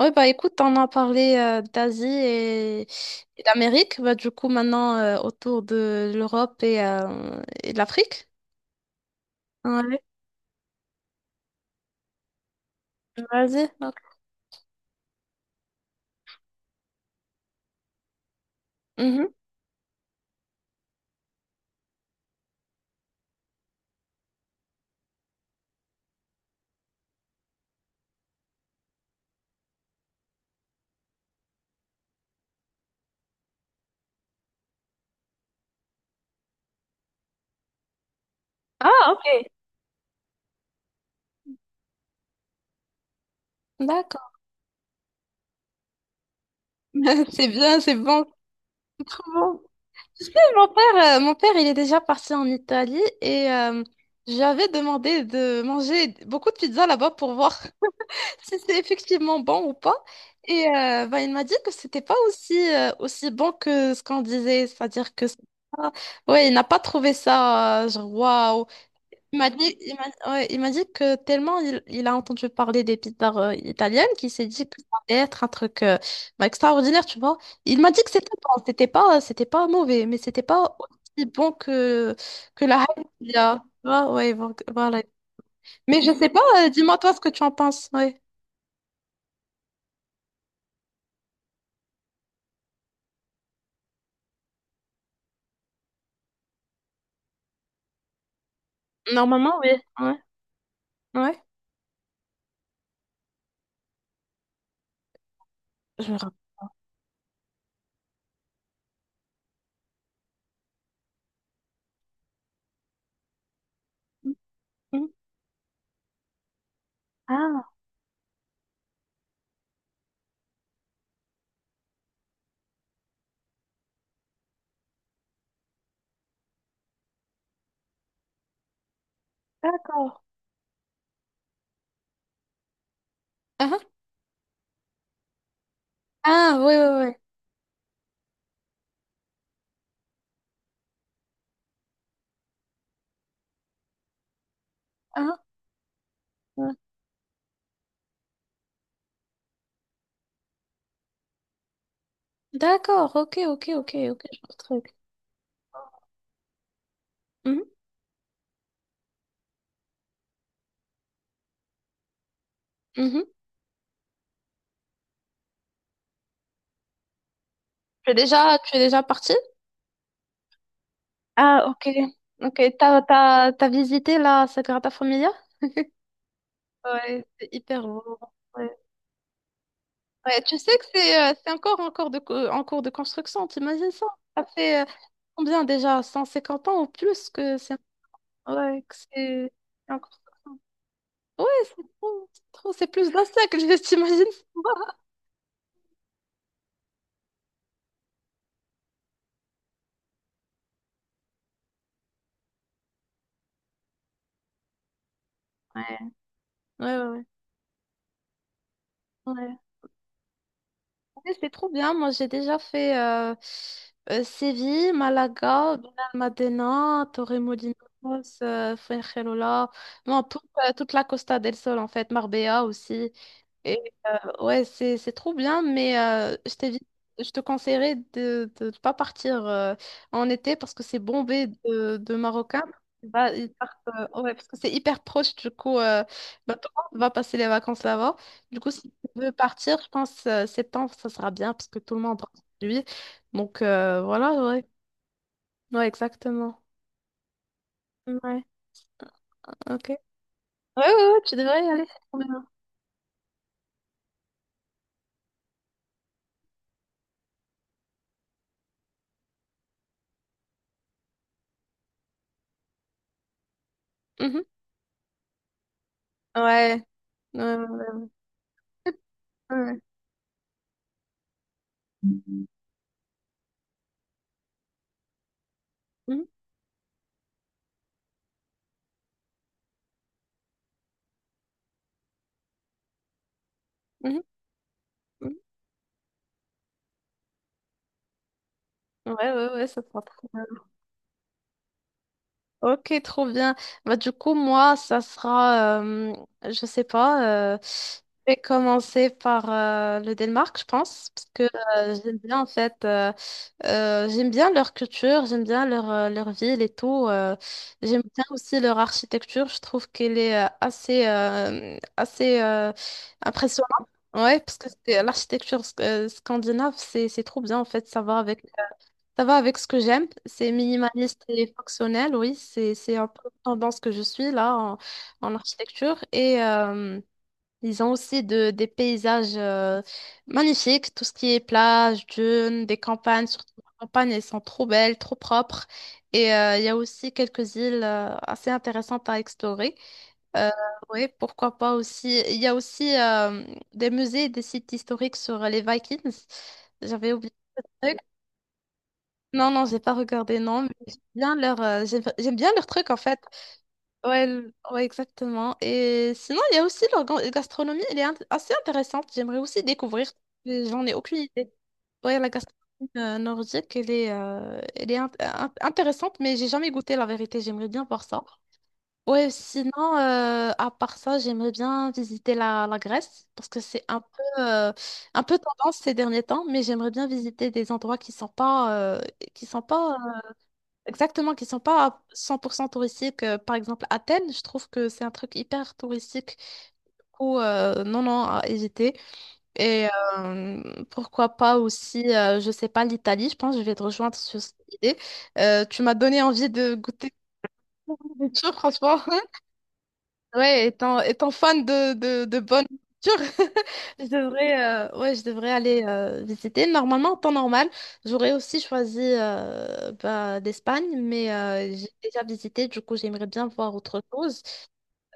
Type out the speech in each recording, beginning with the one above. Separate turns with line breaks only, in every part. Oui, bah écoute, on a parlé d'Asie et d'Amérique. Bah, du coup, maintenant, autour de l'Europe et de l'Afrique. Ouais, vas-y. Ok. Mhm. Ah, ok. D'accord. C'est bien, c'est bon, c'est trop bon. Tu sais, mon père, il est déjà parti en Italie et j'avais demandé de manger beaucoup de pizza là-bas pour voir si c'est effectivement bon ou pas. Et bah, il m'a dit que c'était pas aussi bon que ce qu'on disait, c'est-à-dire que c'est pas- ouais, il n'a pas trouvé ça, genre waouh. Il m'a dit, il m'a ouais, il m'a dit que tellement il a entendu parler des pizzas italiennes qu'il s'est dit que ça allait être un truc bah, extraordinaire, tu vois. Il m'a dit que c'était bon, c'était pas mauvais, mais c'était pas aussi bon que la hype qu'il y a. Ouais, ouais, voilà. Mais je sais pas, dis-moi toi ce que tu en penses. Ouais. Normalement, oui. Ouais, ouais. Je me rappelle. Mhm. Ah, d'accord. Ah, ah, ah, oui, oui, oui. Ah, ouais. D'accord, ok, ok, ok, ok, je vois le truc. Mhm, mhm. Tu es déjà parti? Ah, ok. Ok, t'as visité la Sagrada Familia? Ouais, c'est hyper beau. Ouais. Ouais, tu sais que c'est encore en cours de construction, t'imagines ça? Ça fait combien déjà? 150 ans ou plus que c'est ouais, que c'est en construction. Ouais, c'est plus Bastia que je t'imagine. Ouais. Ouais, ouais, ouais. Ouais. Ouais, c'est trop bien. Moi, j'ai déjà fait Séville, Malaga, Benalmádena, Torremolinos, Fuengirola. Bon, toute la Costa del Sol, en fait, Marbella aussi. Ouais, c'est trop bien, mais je te conseillerais de ne pas partir en été parce que c'est bombé de Marocains. Bah, ils partent, ouais, parce que c'est hyper proche, du coup, bah, tout le monde va passer les vacances là-bas. Du coup, si tu veux partir, je pense septembre, ça sera bien parce que tout le monde rentre chez lui. Donc voilà, ouais. Ouais, exactement. Ouais, ok. Ouais, ouais, ouais, tu devrais y aller, c'est trop bien. Mhm. Ouais. Ouais, ouais, ouais. Ouais. Mhm. Mhm. Ouais, ouais, ouais, ça sera trop bien. Ok, trop bien. Bah, du coup, moi, ça sera, je sais pas, je vais commencer par le Danemark, je pense, parce que j'aime bien, en fait, j'aime bien leur culture, j'aime bien leur ville et tout. J'aime bien aussi leur architecture, je trouve qu'elle est assez impressionnante. Ouais, parce que l'architecture scandinave, c'est trop bien, en fait, ça va avec ce que j'aime, c'est minimaliste et fonctionnel, oui, c'est un peu la tendance que je suis là en architecture. Et ils ont aussi des paysages magnifiques, tout ce qui est plage, dunes, des campagnes, surtout les campagnes, elles sont trop belles, trop propres. Et il y a aussi quelques îles assez intéressantes à explorer. Euh, oui, pourquoi pas aussi. Il y a aussi des musées, et des sites historiques sur les Vikings. J'avais oublié. Non, non, j'ai pas regardé, non, mais j'aime bien leur truc en fait. Ouais, ouais, exactement. Et sinon, il y a aussi leur gastronomie, elle est assez intéressante. J'aimerais aussi découvrir, mais j'en ai aucune idée. Ouais, la gastronomie nordique, elle est intéressante, mais j'ai jamais goûté la vérité. J'aimerais bien voir ça. Ouais, sinon, à part ça, j'aimerais bien visiter la Grèce parce que c'est un peu, un peu tendance ces derniers temps, mais j'aimerais bien visiter des endroits qui sont pas exactement, qui sont pas à 100% touristiques. Par exemple, Athènes, je trouve que c'est un truc hyper touristique. Du coup, non, non, à éviter. Et pourquoi pas aussi, je sais pas, l'Italie, je pense que je vais te rejoindre sur cette idée. Tu m'as donné envie de goûter des choses, franchement. Ouais, étant fan de bonne culture, je devrais, ouais, je devrais aller visiter. Normalement, en temps normal, j'aurais aussi choisi bah, l'Espagne, mais j'ai déjà visité, du coup, j'aimerais bien voir autre chose.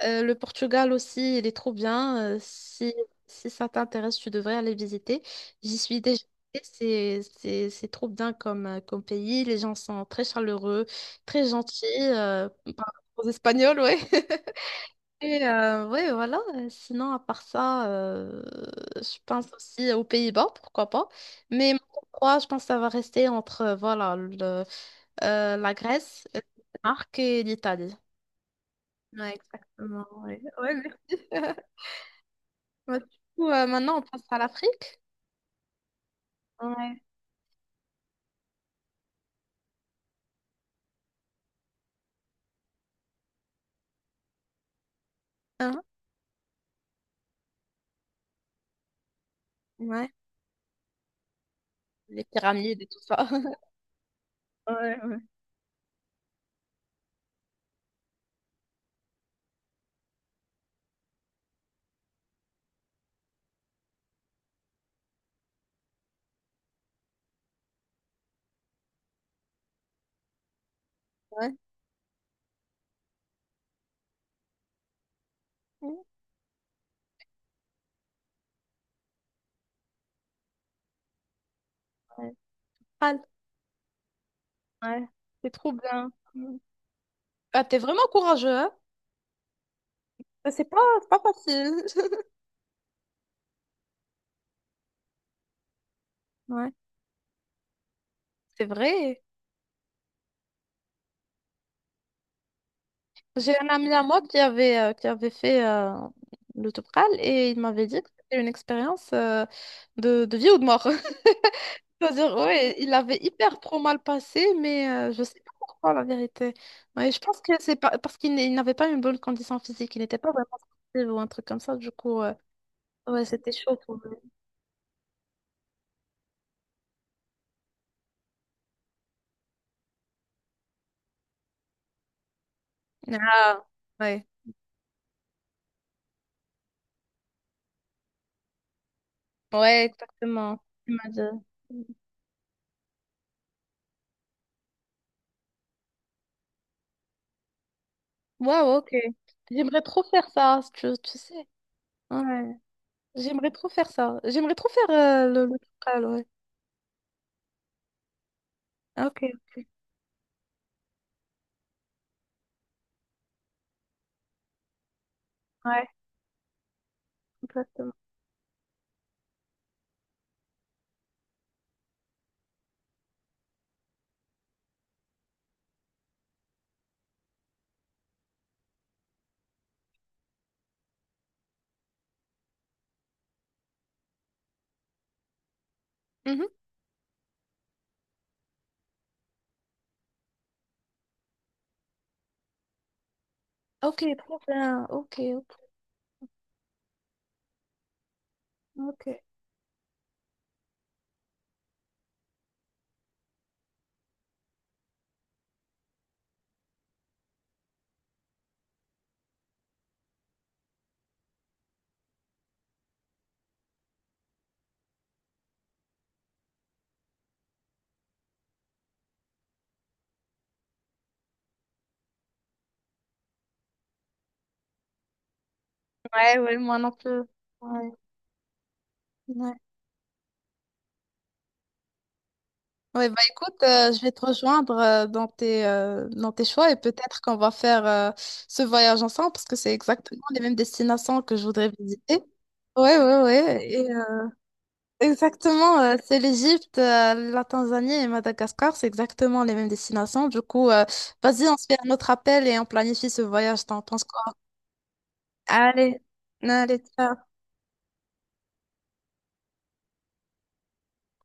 Le Portugal aussi, il est trop bien. Si ça t'intéresse, tu devrais aller visiter. J'y suis déjà allée. C'est trop bien comme pays. Les gens sont très chaleureux, très gentils. Par rapport aux Espagnols, ouais. Et ouais, voilà. Sinon, à part ça, je pense aussi aux Pays-Bas, pourquoi pas. Mais mon top 3, je pense que ça va rester entre voilà, la Grèce, le Danemark et l'Italie. Ouais, exactement. Ouais, ouais, merci. Bah, du coup, maintenant, on passe à l'Afrique. Ouais. Hein. Ouais. Les pyramides et tout ça. Ouais, ouais. Ouais. Ouais. Ah, ouais. C'est trop bien. Mm. Ah, t'es vraiment courageux, hein? C'est pas facile. Ouais. C'est vrai. J'ai un ami à moi qui avait fait le Topral et il m'avait dit que c'était une expérience de vie ou de mort. C'est-à-dire, ouais, il avait hyper trop mal passé, mais je sais pas pourquoi la vérité. Ouais, je pense que c'est pas, parce qu'il n'est- il n'avait pas une bonne condition physique, il n'était pas vraiment sportif ou un truc comme ça, du coup, ouais, c'était chaud pour lui. Ah, ouais, ouais, exactement. Il m'a dit. Waouh, ok. J'aimerais trop faire ça, tu sais. Ouais. J'aimerais trop faire ça. J'aimerais trop faire le Trucal, ouais. Ah, ok, ok. Ouais, exactement. Mhm. Ok, trop bien. Ok, ok, ok. Ouais, ouais, moi non plus. Ouais, ouais. Ouais, bah écoute, je vais te rejoindre dans tes choix et peut-être qu'on va faire ce voyage ensemble parce que c'est exactement les mêmes destinations que je voudrais visiter. Ouais, ouais, ouais. Exactement, c'est l'Égypte, la Tanzanie et Madagascar, c'est exactement les mêmes destinations. Du coup, vas-y, on se fait un autre appel et on planifie ce voyage, t'en penses quoi? Allez, allez, ciao.